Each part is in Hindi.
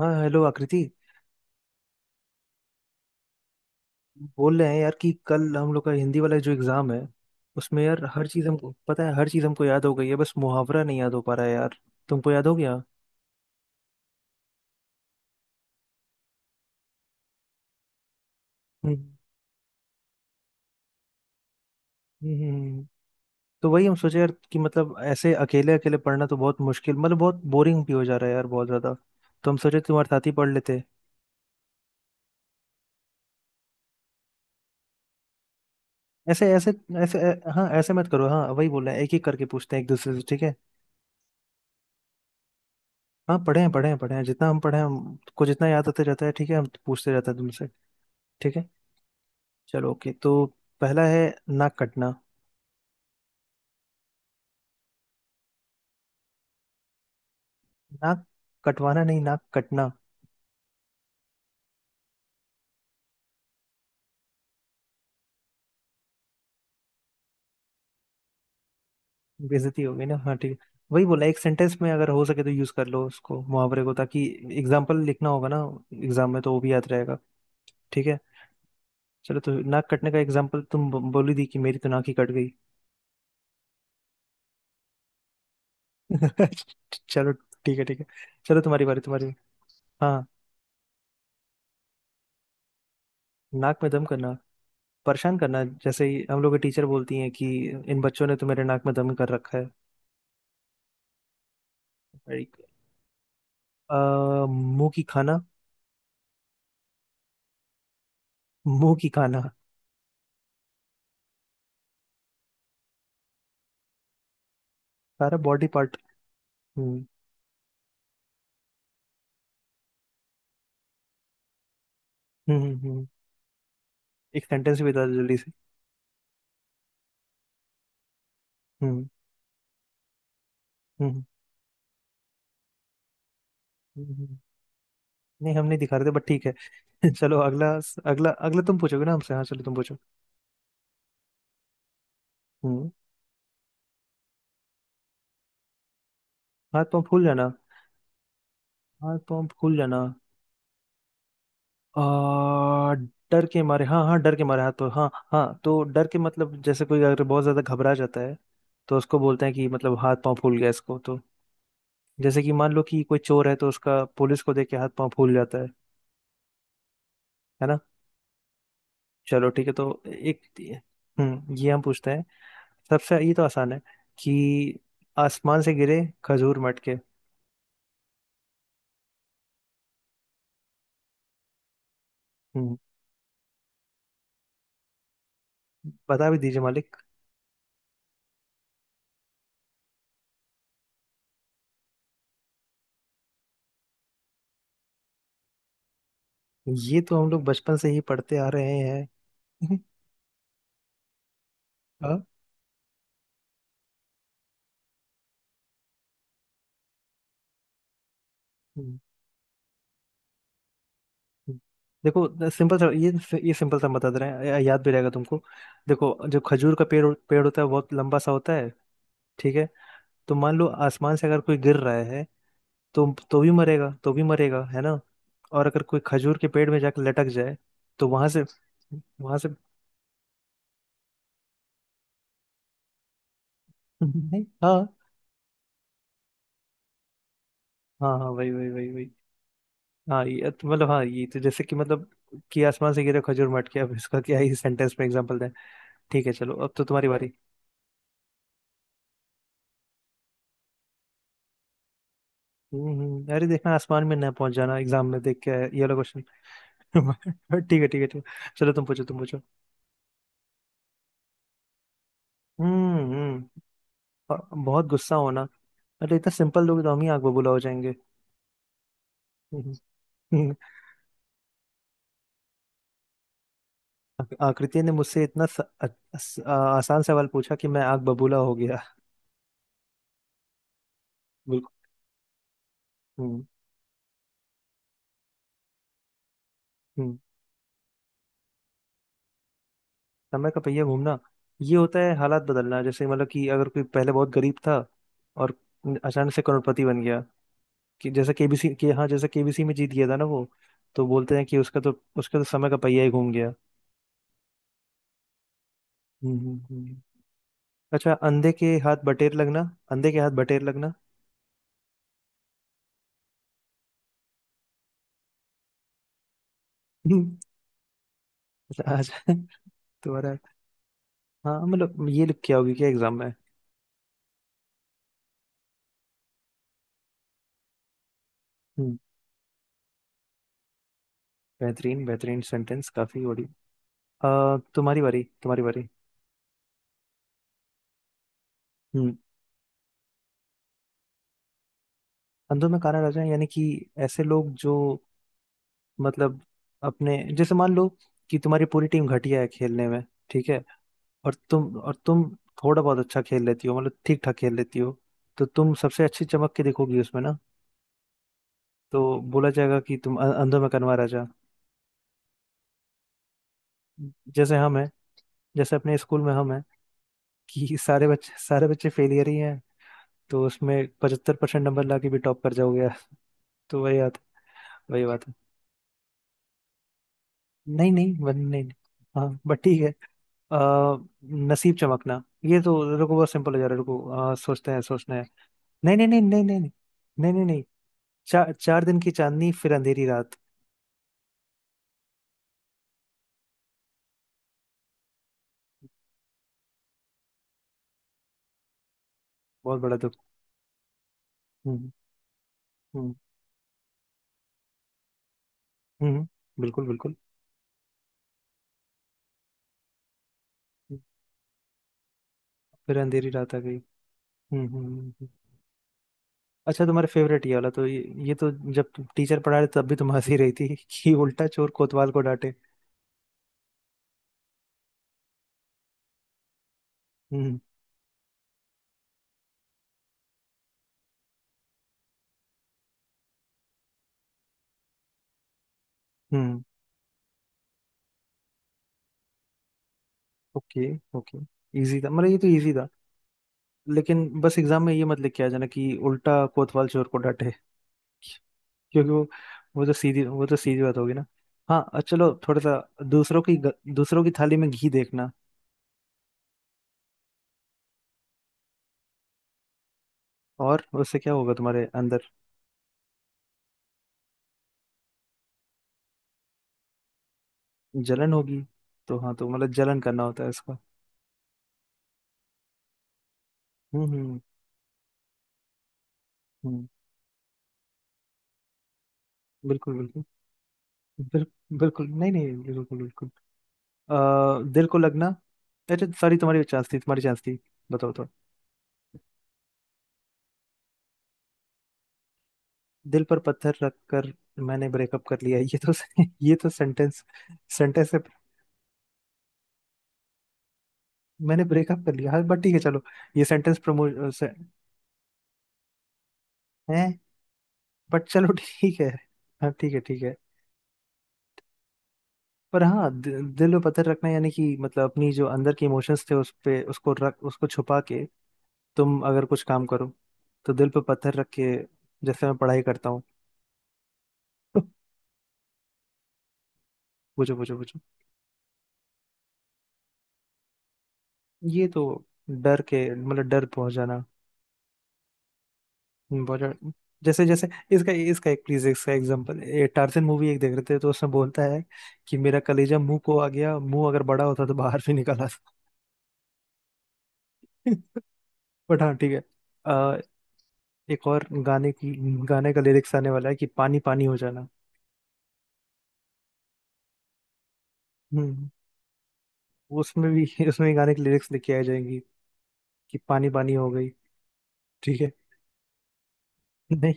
हाँ, हेलो आकृति। बोल रहे हैं यार कि कल हम लोग का हिंदी वाला जो एग्जाम है, उसमें यार हर चीज हमको पता है, हर चीज हमको याद हो गई है, बस मुहावरा नहीं याद हो पा रहा है यार। तुमको याद हो गया? हम्म। हम्म, हम्म। हम्म, हम्म। तो वही हम सोचे यार कि मतलब ऐसे अकेले अकेले पढ़ना तो बहुत मुश्किल, मतलब बहुत बोरिंग भी हो जा रहा है यार, बहुत ज्यादा। तो हम सोचे तुम्हारे साथ ही पढ़ लेते। ऐसे ऐसे ऐसे ऐ- हाँ, ऐसे मत करो। हाँ वही बोल रहे हैं, एक एक करके पूछते हैं एक दूसरे से, ठीक है? हाँ, पढ़े हैं पढ़े हैं पढ़े हैं, जितना हम पढ़े हैं, हमको जितना याद होते रहता है, ठीक है, हम पूछते रहते हैं तुमसे। ठीक है। चलो, ओके, तो पहला है, नाक कटना। नाक कटवाना नहीं, नाक कटना। बेइज्जती हो गई ना, हाँ ठीक है। वही बोला, एक सेंटेंस में अगर हो सके तो यूज कर लो उसको, मुहावरे को, ताकि एग्जाम्पल लिखना होगा ना एग्जाम में, तो वो भी याद रहेगा। ठीक है। चलो, तो नाक कटने का एग्जाम्पल तुम बोली दी कि मेरी तो नाक ही कट गई। चलो, ठीक है ठीक है। चलो, तुम्हारी बारी, तुम्हारी। हाँ, नाक में दम करना। परेशान करना, जैसे ही हम लोग की टीचर बोलती हैं कि इन बच्चों ने तो मेरे नाक में दम कर रखा है। Like, मुंह की खाना। मुंह की खाना? सारा बॉडी पार्ट। हम्म। हम्म। हम्म। हम्म। एक सेंटेंस भी बता दो जल्दी से। हम्म। हम्म। हम्म। हम्म। नहीं, हम नहीं दिखा रहे थे, बट ठीक है। चलो, अगला। अगला अगला तुम पूछोगे ना हमसे, हाँ चलो तुम पूछो। हम्म। हाथ पाँव फूल जाना। हाथ पाँव फूल जाना। आ, डर के मारे, हाँ हाँ, डर के मारे हाथ पाँव, हाँ हाँ। तो डर के मतलब, जैसे कोई अगर बहुत ज्यादा घबरा जाता है तो उसको बोलते हैं कि मतलब हाथ पाँव फूल गया इसको तो। जैसे कि मान लो कि कोई चोर है, तो उसका पुलिस को देख के हाथ पाँव फूल जाता है ना। चलो ठीक है तो एक। हम्म, ये हम पूछते हैं, सबसे ये तो आसान है कि आसमान से गिरे खजूर मटके। हम्म। बता भी दीजिए मालिक। ये तो हम लोग बचपन से ही पढ़ते आ रहे हैं। हाँ। हम्म, हम्म। देखो, सिंपल सा ये सिंपल सा बता दे रहे हैं, याद भी रहेगा तुमको। देखो, जो खजूर का पेड़ पेड़ होता है, बहुत लंबा सा होता है, ठीक है। तो मान लो आसमान से अगर कोई गिर रहा है, तो भी मरेगा, तो भी मरेगा, है ना। और अगर कोई खजूर के पेड़ में जाकर लटक जाए, तो वहां से। नहीं, हाँ हाँ हाँ, वही वही वही वही। हाँ, ये तो मतलब, हाँ ये तो जैसे कि मतलब कि आसमान से गिरे खजूर मट के, अब इसका क्या ही सेंटेंस में एग्जांपल दें। ठीक है, चलो अब तो तुम्हारी बारी। हम्म, अरे देखना, आसमान में ना पहुंच जाना एग्जाम में देख के ये वाला क्वेश्चन। ठीक है ठीक है ठीक है, चलो तुम पूछो, तुम पूछो। हम्म, अ- बहुत गुस्सा होना। अरे, इतना सिंपल लोग तो हम ही आग बबूला हो जाएंगे। आकृति ने मुझसे इतना स, अ- अस- आ, आसान सवाल पूछा कि मैं आग बबूला हो गया। बिल्कुल। हम्म, हम्म। समय का पहिया घूमना। ये होता है हालात बदलना, जैसे मतलब कि अगर कोई पहले बहुत गरीब था और अचानक से करोड़पति बन गया, कि जैसे केबीसी के, हाँ जैसे केबीसी में जीत गया था ना वो, तो बोलते हैं कि उसका तो समय का पहिया ही घूम गया। हम्म, अच्छा, अंधे के हाथ बटेर लगना। अंधे के हाथ बटेर लगना। अच्छा अच्छा, तुम्हारा। हाँ, मतलब ये लिख के आओगी क्या एग्जाम में? हम्म। बेहतरीन बेहतरीन सेंटेंस, काफी बड़ी। तुम्हारी बारी, तुम्हारी बारी। हम्म। अंधों में काना राजा, यानी कि ऐसे लोग जो, मतलब, अपने जैसे मान लो कि तुम्हारी पूरी टीम घटिया है खेलने में, ठीक है। और तुम थोड़ा बहुत अच्छा खेल लेती हो, मतलब ठीक ठाक खेल लेती हो, तो तुम सबसे अच्छी चमक के दिखोगी उसमें ना। तो बोला जाएगा कि तुम अंधों में कनवा राजा। जैसे हम हैं, जैसे अपने स्कूल में हम हैं, कि सारे बच्चे फेलियर ही हैं, तो उसमें 75% नंबर ला के भी टॉप कर जाओगे। तो वही बात। वही बात है। नहीं नहीं, वन नहीं नहीं। हाँ, बट ठीक है। आ, नसीब चमकना, ये तो रुको, बहुत सिंपल हो जा रहा है, रुको सोचते हैं, सोचते हैं। नहीं नहीं नहीं नहीं नहीं नहीं नहीं नहीं नहीं। चार चार दिन की चांदनी फिर अंधेरी रात। बहुत बड़ा दुख। हम्म। हम्म। हम्म। बिल्कुल बिल्कुल। फिर अंधेरी रात आ गई। हम्म, हम्म, अच्छा, तुम्हारे फेवरेट ये वाला तो ये तो जब टीचर पढ़ा रहे तब भी तुम हंसी रही थी, कि उल्टा चोर कोतवाल को डांटे। हम्म। हम्म। Okay okay. इजी था, मतलब ये तो इजी था। लेकिन बस एग्जाम में ये मत लिख के आ जाना कि उल्टा कोतवाल चोर को डांटे। क्योंकि वो तो सीधी वो तो सीधी बात होगी ना। हाँ, चलो थोड़ा सा, दूसरों की थाली में घी देखना। और उससे क्या होगा तुम्हारे अंदर? जलन होगी। तो हाँ, तो मतलब जलन करना होता है इसका। हम्म, हम्म, हम्म। बिल्कुल बिल्कुल, बिल, बिल्कुल नहीं नहीं, बिल्कुल बिल्कुल। दिल को लगना। अच्छा सॉरी, तुम्हारी चांस थी, तुम्हारी चांस थी। बताओ। दिल पर पत्थर रख कर मैंने ब्रेकअप कर लिया, ये तो। ये तो सेंटेंस, सेंटेंस है। मैंने ब्रेकअप कर लिया, हाँ बट ठीक है, चलो। ये सेंटेंस प्रमोट है, बट चलो, ठीक है। हाँ ठीक है ठीक है। पर हाँ, दिल पे पत्थर रखना, यानी कि मतलब अपनी जो अंदर के इमोशंस थे, उस पे, उसको रख, उसको छुपा के तुम अगर कुछ काम करो, तो दिल पे पत्थर रख के, जैसे मैं पढ़ाई करता हूँ। पूछो पूछो पूछो। ये तो डर, के मतलब डर पहुंच जाना। बॉलीवुड, जैसे जैसे इसका इसका एक प्लीज इसका एग्जांपल, ये टार्जन मूवी एक देख रहे थे, तो उसमें बोलता है कि मेरा कलेजा मुंह को आ गया, मुंह अगर बड़ा होता तो बाहर भी निकल आता। बट हाँ ठीक है। अ, एक और गाने का लिरिक्स आने वाला है, कि पानी पानी हो जाना। हम्म। उसमें भी, उसमें भी गाने के लिरिक्स लिखे आ जाएंगी, कि पानी पानी हो गई। ठीक है। नहीं।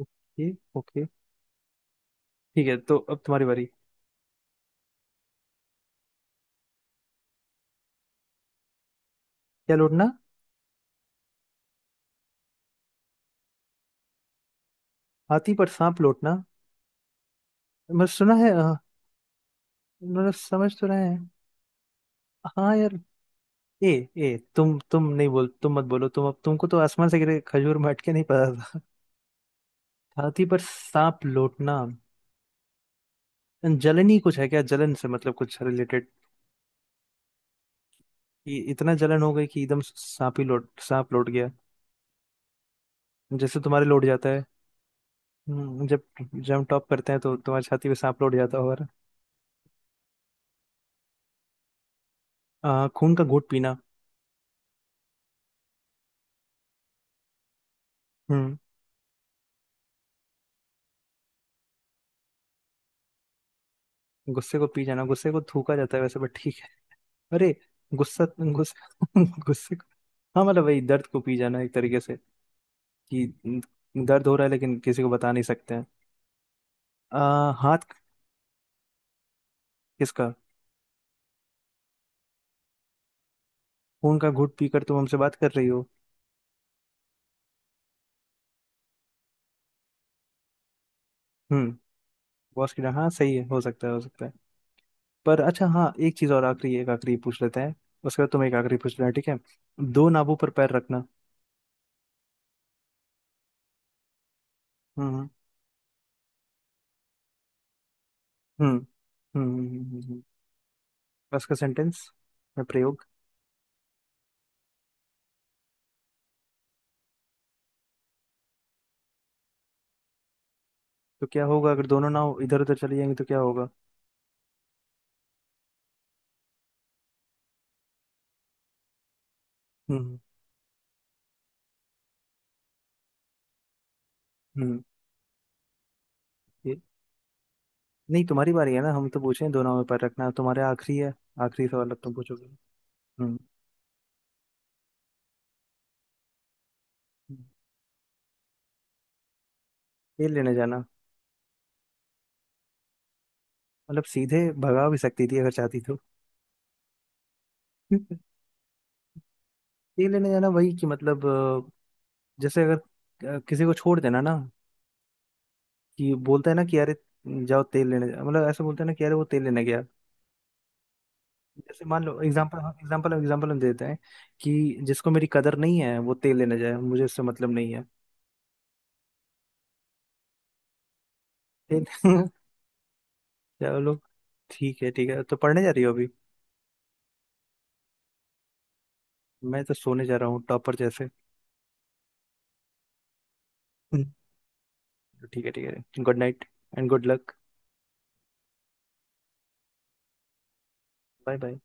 Okay okay. ठीक है तो अब तुम्हारी बारी। क्या लौटना? हाथी पर सांप लौटना? मैं सुना है, मतलब समझ तो रहे हैं। हाँ यार। ए ए, तुम नहीं बोल तुम मत बोलो। तुम, अब तुमको तो आसमान से गिरे खजूर में अटके नहीं पता था। छाती पर सांप लोटना, जलन ही कुछ है क्या, जलन से मतलब कुछ रिलेटेड? कि इतना जलन हो गई कि एकदम सांप लोट गया। जैसे तुम्हारे लोट जाता है। जब जब हम टॉप करते हैं तो तुम्हारी छाती पे सांप लोट जाता होगा। खून का घूंट पीना। हम्म। गुस्से को पी जाना? गुस्से को थूका जाता है वैसे, बट ठीक है। अरे गुस्सा, गुस्सा, गुस्से को, हाँ मतलब वही, दर्द को पी जाना एक तरीके से, कि दर्द हो रहा है लेकिन किसी को बता नहीं सकते हैं। हाथ, किसका? खून का घूंट पीकर तुम हमसे बात कर रही हो। हम्म। बॉस की डांट, हाँ सही है, हो सकता है हो सकता है। पर अच्छा, हाँ एक चीज और आखिरी, एक आखिरी पूछ लेते हैं, उसके बाद तुम एक आखिरी पूछ लेना, ठीक है। दो नाभों पर पैर रखना। हम्म, हम्म, हम्म, बस का सेंटेंस या प्रयोग। तो क्या होगा, अगर दोनों नाव इधर उधर चली जाएंगी तो क्या होगा। हम्म। हम्म। ये, नहीं तुम्हारी बारी है ना, हम तो पूछे हैं दो नाव पर रखना, तुम्हारे आखिरी है, आखिरी सवाल अब तुम पूछोगे। हम्म। तेल लेने जाना। मतलब सीधे भगा भी सकती थी अगर चाहती तो। तेल लेने जाना, वही कि मतलब जैसे अगर, किसी को छोड़ देना ना, कि बोलता है ना कि अरे जाओ तेल लेने मतलब ऐसा बोलता है ना कि अरे, वो तेल लेने गया। जैसे मान लो एग्जाम्पल, एग्जाम्पल एग्जाम्पल हम देते हैं कि जिसको मेरी कदर नहीं है वो तेल लेने जाए, मुझे इससे मतलब नहीं है। तेल। चलो ठीक है ठीक है, तो पढ़ने जा रही हो अभी? मैं तो सोने जा रहा हूँ, टॉपर जैसे। ठीक है ठीक है, good night and good luck. Bye bye.